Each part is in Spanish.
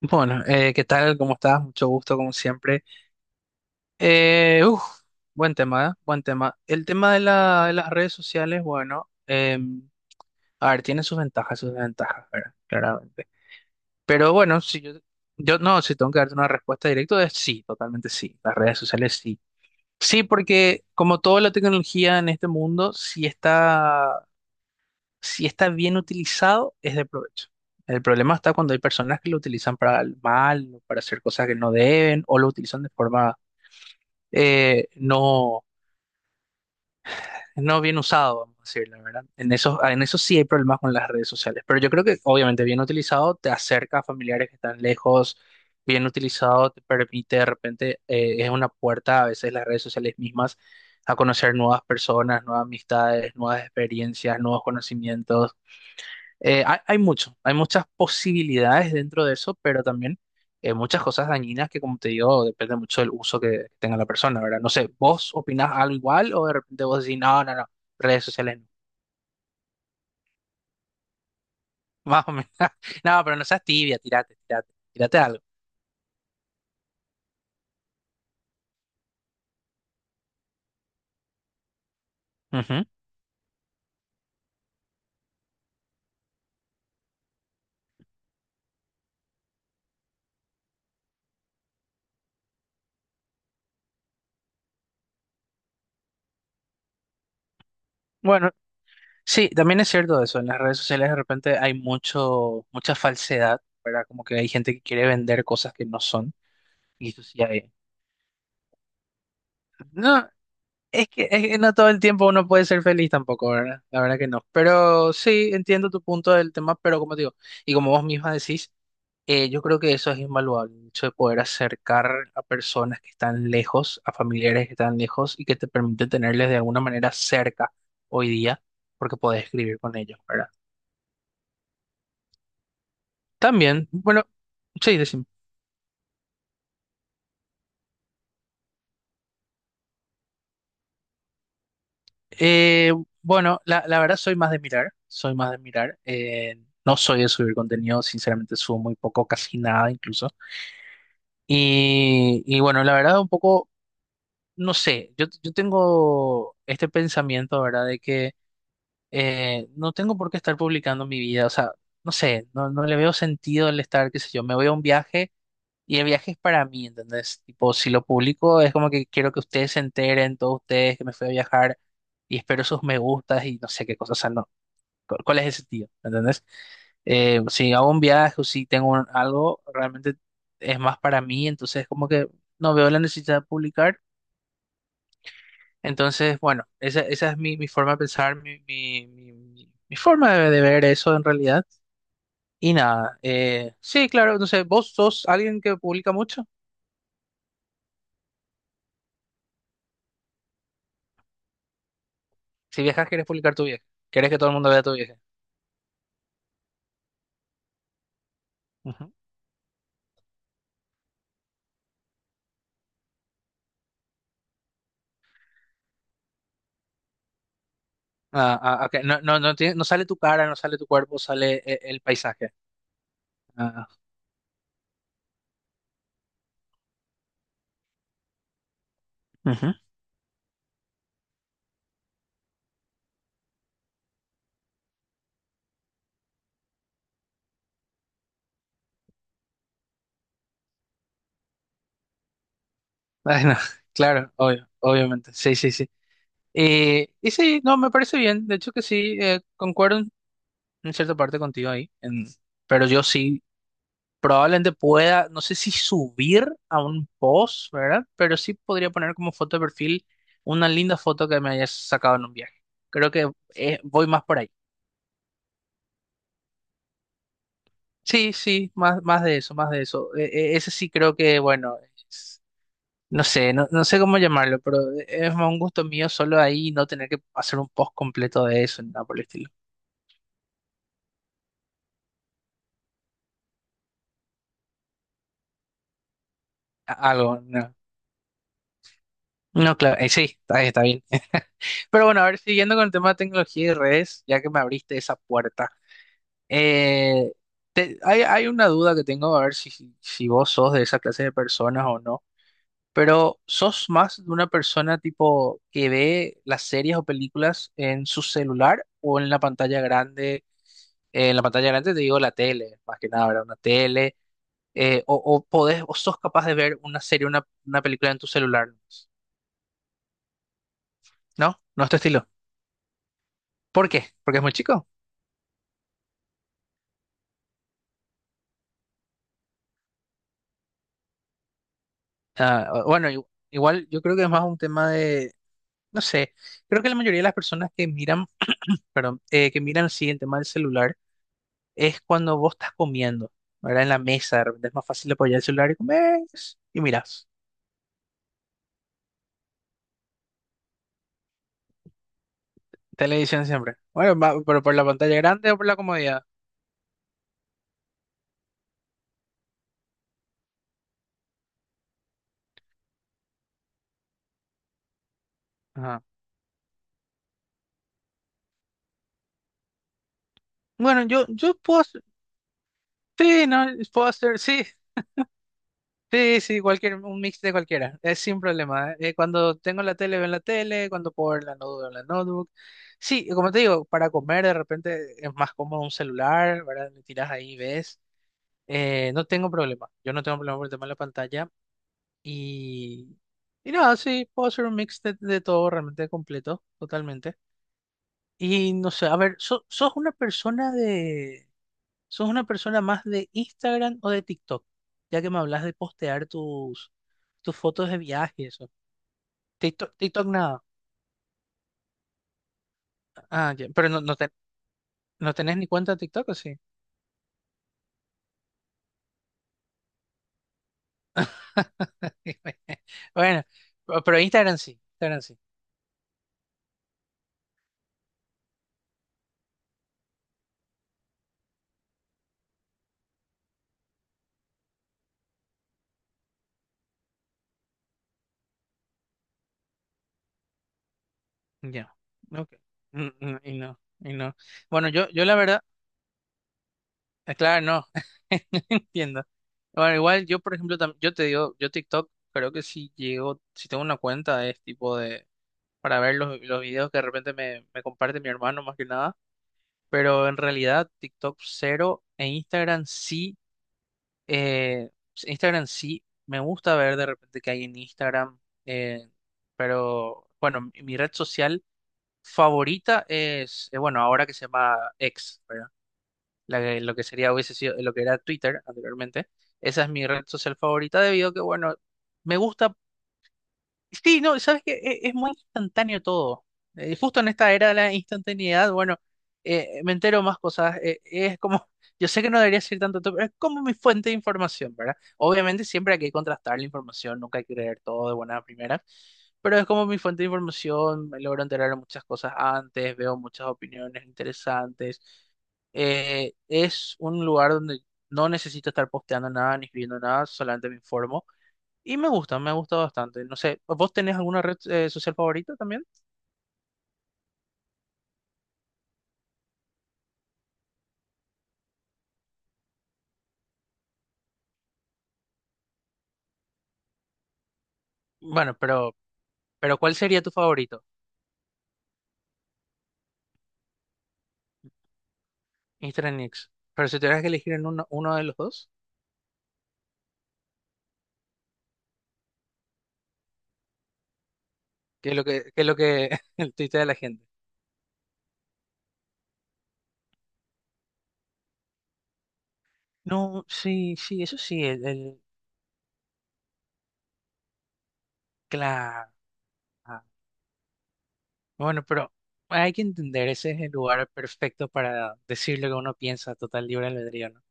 Bueno, ¿qué tal? ¿Cómo estás? Mucho gusto, como siempre. Eh, uf, buen tema, ¿eh? Buen tema. El tema de, de las redes sociales, bueno, a ver, tiene sus ventajas, sus desventajas, ¿verdad? Claramente. Pero bueno, si yo, yo no, si tengo que darte una respuesta directa, es sí, totalmente sí. Las redes sociales sí. Sí, porque como toda la tecnología en este mundo, sí está. Si está bien utilizado, es de provecho. El problema está cuando hay personas que lo utilizan para el mal, o para hacer cosas que no deben, o lo utilizan de forma eh, no, no bien usado, vamos a decirlo, ¿verdad? En eso sí hay problemas con las redes sociales, pero yo creo que obviamente bien utilizado te acerca a familiares que están lejos, bien utilizado te permite de repente, es una puerta a veces las redes sociales mismas a conocer nuevas personas, nuevas amistades, nuevas experiencias, nuevos conocimientos. Hay mucho, hay muchas posibilidades dentro de eso, pero también muchas cosas dañinas que, como te digo, depende mucho del uso que tenga la persona, ¿verdad? No sé, ¿vos opinás algo igual o de repente vos decís, no, no, no, redes sociales no, más o menos, no, pero no seas tibia, tirate, tirate, tirate algo. Ujú. Bueno, sí, también es cierto eso, en las redes sociales de repente hay mucho, mucha falsedad, ¿verdad? Como que hay gente que quiere vender cosas que no son, y eso sí hay. No, es que no todo el tiempo uno puede ser feliz tampoco, ¿verdad? La verdad que no. Pero sí, entiendo tu punto del tema, pero como te digo, y como vos misma decís, yo creo que eso es invaluable, el hecho de poder acercar a personas que están lejos, a familiares que están lejos y que te permite tenerles de alguna manera cerca hoy día, porque podés escribir con ellos, ¿verdad? También, bueno, sí, decime. Eh, bueno, la verdad soy más de mirar, soy más de mirar. No soy de subir contenido, sinceramente subo muy poco, casi nada incluso. Y bueno, la verdad un poco, no sé, yo tengo este pensamiento, ¿verdad? De que no tengo por qué estar publicando mi vida, o sea, no sé, no le veo sentido el estar, qué sé yo, me voy a un viaje y el viaje es para mí, ¿entendés? Tipo, si lo publico es como que quiero que ustedes se enteren, todos ustedes, que me fui a viajar y espero sus me gustas y no sé qué cosas, o sea, no, ¿cuál es el sentido? ¿Entendés? Si hago un viaje o si tengo algo, realmente es más para mí, entonces como que no veo la necesidad de publicar. Entonces, bueno, esa es mi forma de pensar, mi forma de ver eso en realidad. Y nada, sí, claro, no sé, vos sos alguien que publica mucho. Si viajas, quieres publicar tu viaje. Quieres que todo el mundo vea tu viaje. Ujú. Ah, ah, ok, no, no, no, no sale tu cara, no sale tu cuerpo, sale el paisaje. Ah, ujú. Ay, no, claro, obvio, obviamente. Sí, sí, sí. Y sí, no, me parece bien. De hecho que sí, concuerdo en cierta parte contigo ahí. Pero yo sí, probablemente pueda, no sé si subir a un post, ¿verdad? Pero sí podría poner como foto de perfil una linda foto que me hayas sacado en un viaje. Creo que voy más por ahí. Sí, sí, más, más de eso, más de eso. Ese sí creo que, bueno, es- no sé, no sé cómo llamarlo, pero es más un gusto mío solo ahí no tener que hacer un post completo de eso, ni nada por el estilo. Algo, no. No, claro, sí, está, está bien. Pero bueno, a ver, siguiendo con el tema de tecnología y redes, ya que me abriste esa puerta, eh, hay, hay una duda que tengo, a ver si vos sos de esa clase de personas o no, pero ¿sos más de una persona tipo que ve las series o películas en su celular o en la pantalla grande? En la pantalla grande te digo la tele, más que nada, ¿verdad? Una tele, o podés, o sos capaz de ver una serie, una película en tu celular, ¿no? ¿No es tu estilo? ¿Por qué? ¿Porque es muy chico? Ah, bueno, igual yo creo que es más un tema de, no sé, creo que la mayoría de las personas que miran, perdón, que miran sí el tema del celular es cuando vos estás comiendo, ¿verdad? En la mesa, de repente es más fácil apoyar el celular y comes y miras. Televisión siempre. Bueno, pero por la pantalla grande o por la comodidad. Ajá. Bueno, yo puedo hacer, sí, no, puedo hacer, sí, sí, sí, cualquier, un mix de cualquiera, es sin problema. Eh, cuando tengo la tele, veo en la tele, cuando puedo ver la notebook, veo en la notebook. Sí, como te digo, para comer de repente es más cómodo un celular, ¿verdad? Le tiras ahí, y ves. No tengo problema, yo no tengo problema por el tema de la pantalla. Y, y nada, sí, puedo hacer un mix de todo realmente completo, totalmente. Y no sé, a ver, ¿sos una persona más de Instagram o de TikTok? Ya que me hablas de postear tus fotos de viaje, y eso. TikTok, TikTok nada. Ah, ya, pero no, no, no tenés ni cuenta de TikTok, ¿o sí? Bueno, pero Instagram sí, Instagram sí. Ya. Ok. Mm, mm, y no, y no. Bueno, yo la verdad, claro, no. No entiendo. Bueno, igual yo, por ejemplo, yo te digo, yo TikTok creo que si llego, si tengo una cuenta es tipo de, para ver los videos que de repente me comparte mi hermano más que nada, pero en realidad TikTok cero, en Instagram sí. Pues, Instagram sí, me gusta ver de repente qué hay en Instagram, eh, pero bueno, mi mi red social favorita es, bueno, ahora que se llama X, ¿verdad? Lo que sería, hubiese sido lo que era Twitter anteriormente. Esa es mi red social favorita debido a que, bueno, me gusta. Sí, no, sabes que es muy instantáneo todo. Justo en esta era de la instantaneidad, bueno, me entero más cosas. Eh, es como, yo sé que no debería decir tanto, pero es como mi fuente de información, ¿verdad? Obviamente siempre hay que contrastar la información, nunca hay que creer todo de buena primera, pero es como mi fuente de información, me logro enterar de muchas cosas antes, veo muchas opiniones interesantes. Eh, es un lugar donde no necesito estar posteando nada ni escribiendo nada, solamente me informo. Y me gusta bastante. No sé, ¿vos tenés alguna red social favorita también? Bueno, pero ¿cuál sería tu favorito? Instagram y X. Pero si tuvieras que elegir en uno, uno de los dos, ¿qué es lo que el tuitea de la gente? No, sí, sí, eso sí, claro. Ah, bueno, pero hay que entender, ese es el lugar perfecto para decir lo que uno piensa, total libre albedrío, ¿no?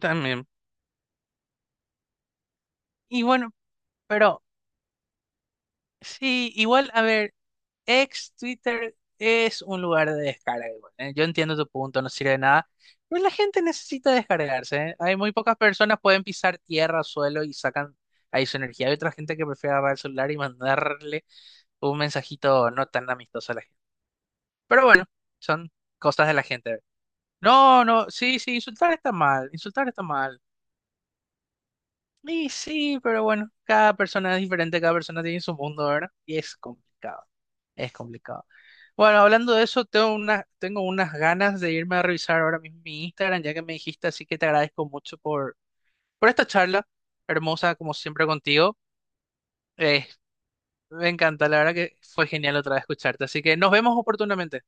También. Y bueno, pero sí, igual, a ver. Ex Twitter es un lugar de descarga igual, ¿eh? Yo entiendo tu punto, no sirve de nada, pero la gente necesita descargarse, ¿eh? Hay muy pocas personas pueden pisar tierra, suelo y sacan ahí su energía. Hay otra gente que prefiere agarrar el celular y mandarle un mensajito no tan amistoso a la gente. Pero bueno, son cosas de la gente. No, no, sí, sí, insultar está mal, insultar está mal. Y sí, pero bueno, cada persona es diferente, cada persona tiene su mundo, ¿verdad? Y es complicado, es complicado. Bueno, hablando de eso, tengo una, tengo unas ganas de irme a revisar ahora mismo mi Instagram, ya que me dijiste, así que te agradezco mucho por esta charla, hermosa como siempre contigo. Eh, me encanta, la verdad que fue genial otra vez escucharte, así que nos vemos oportunamente.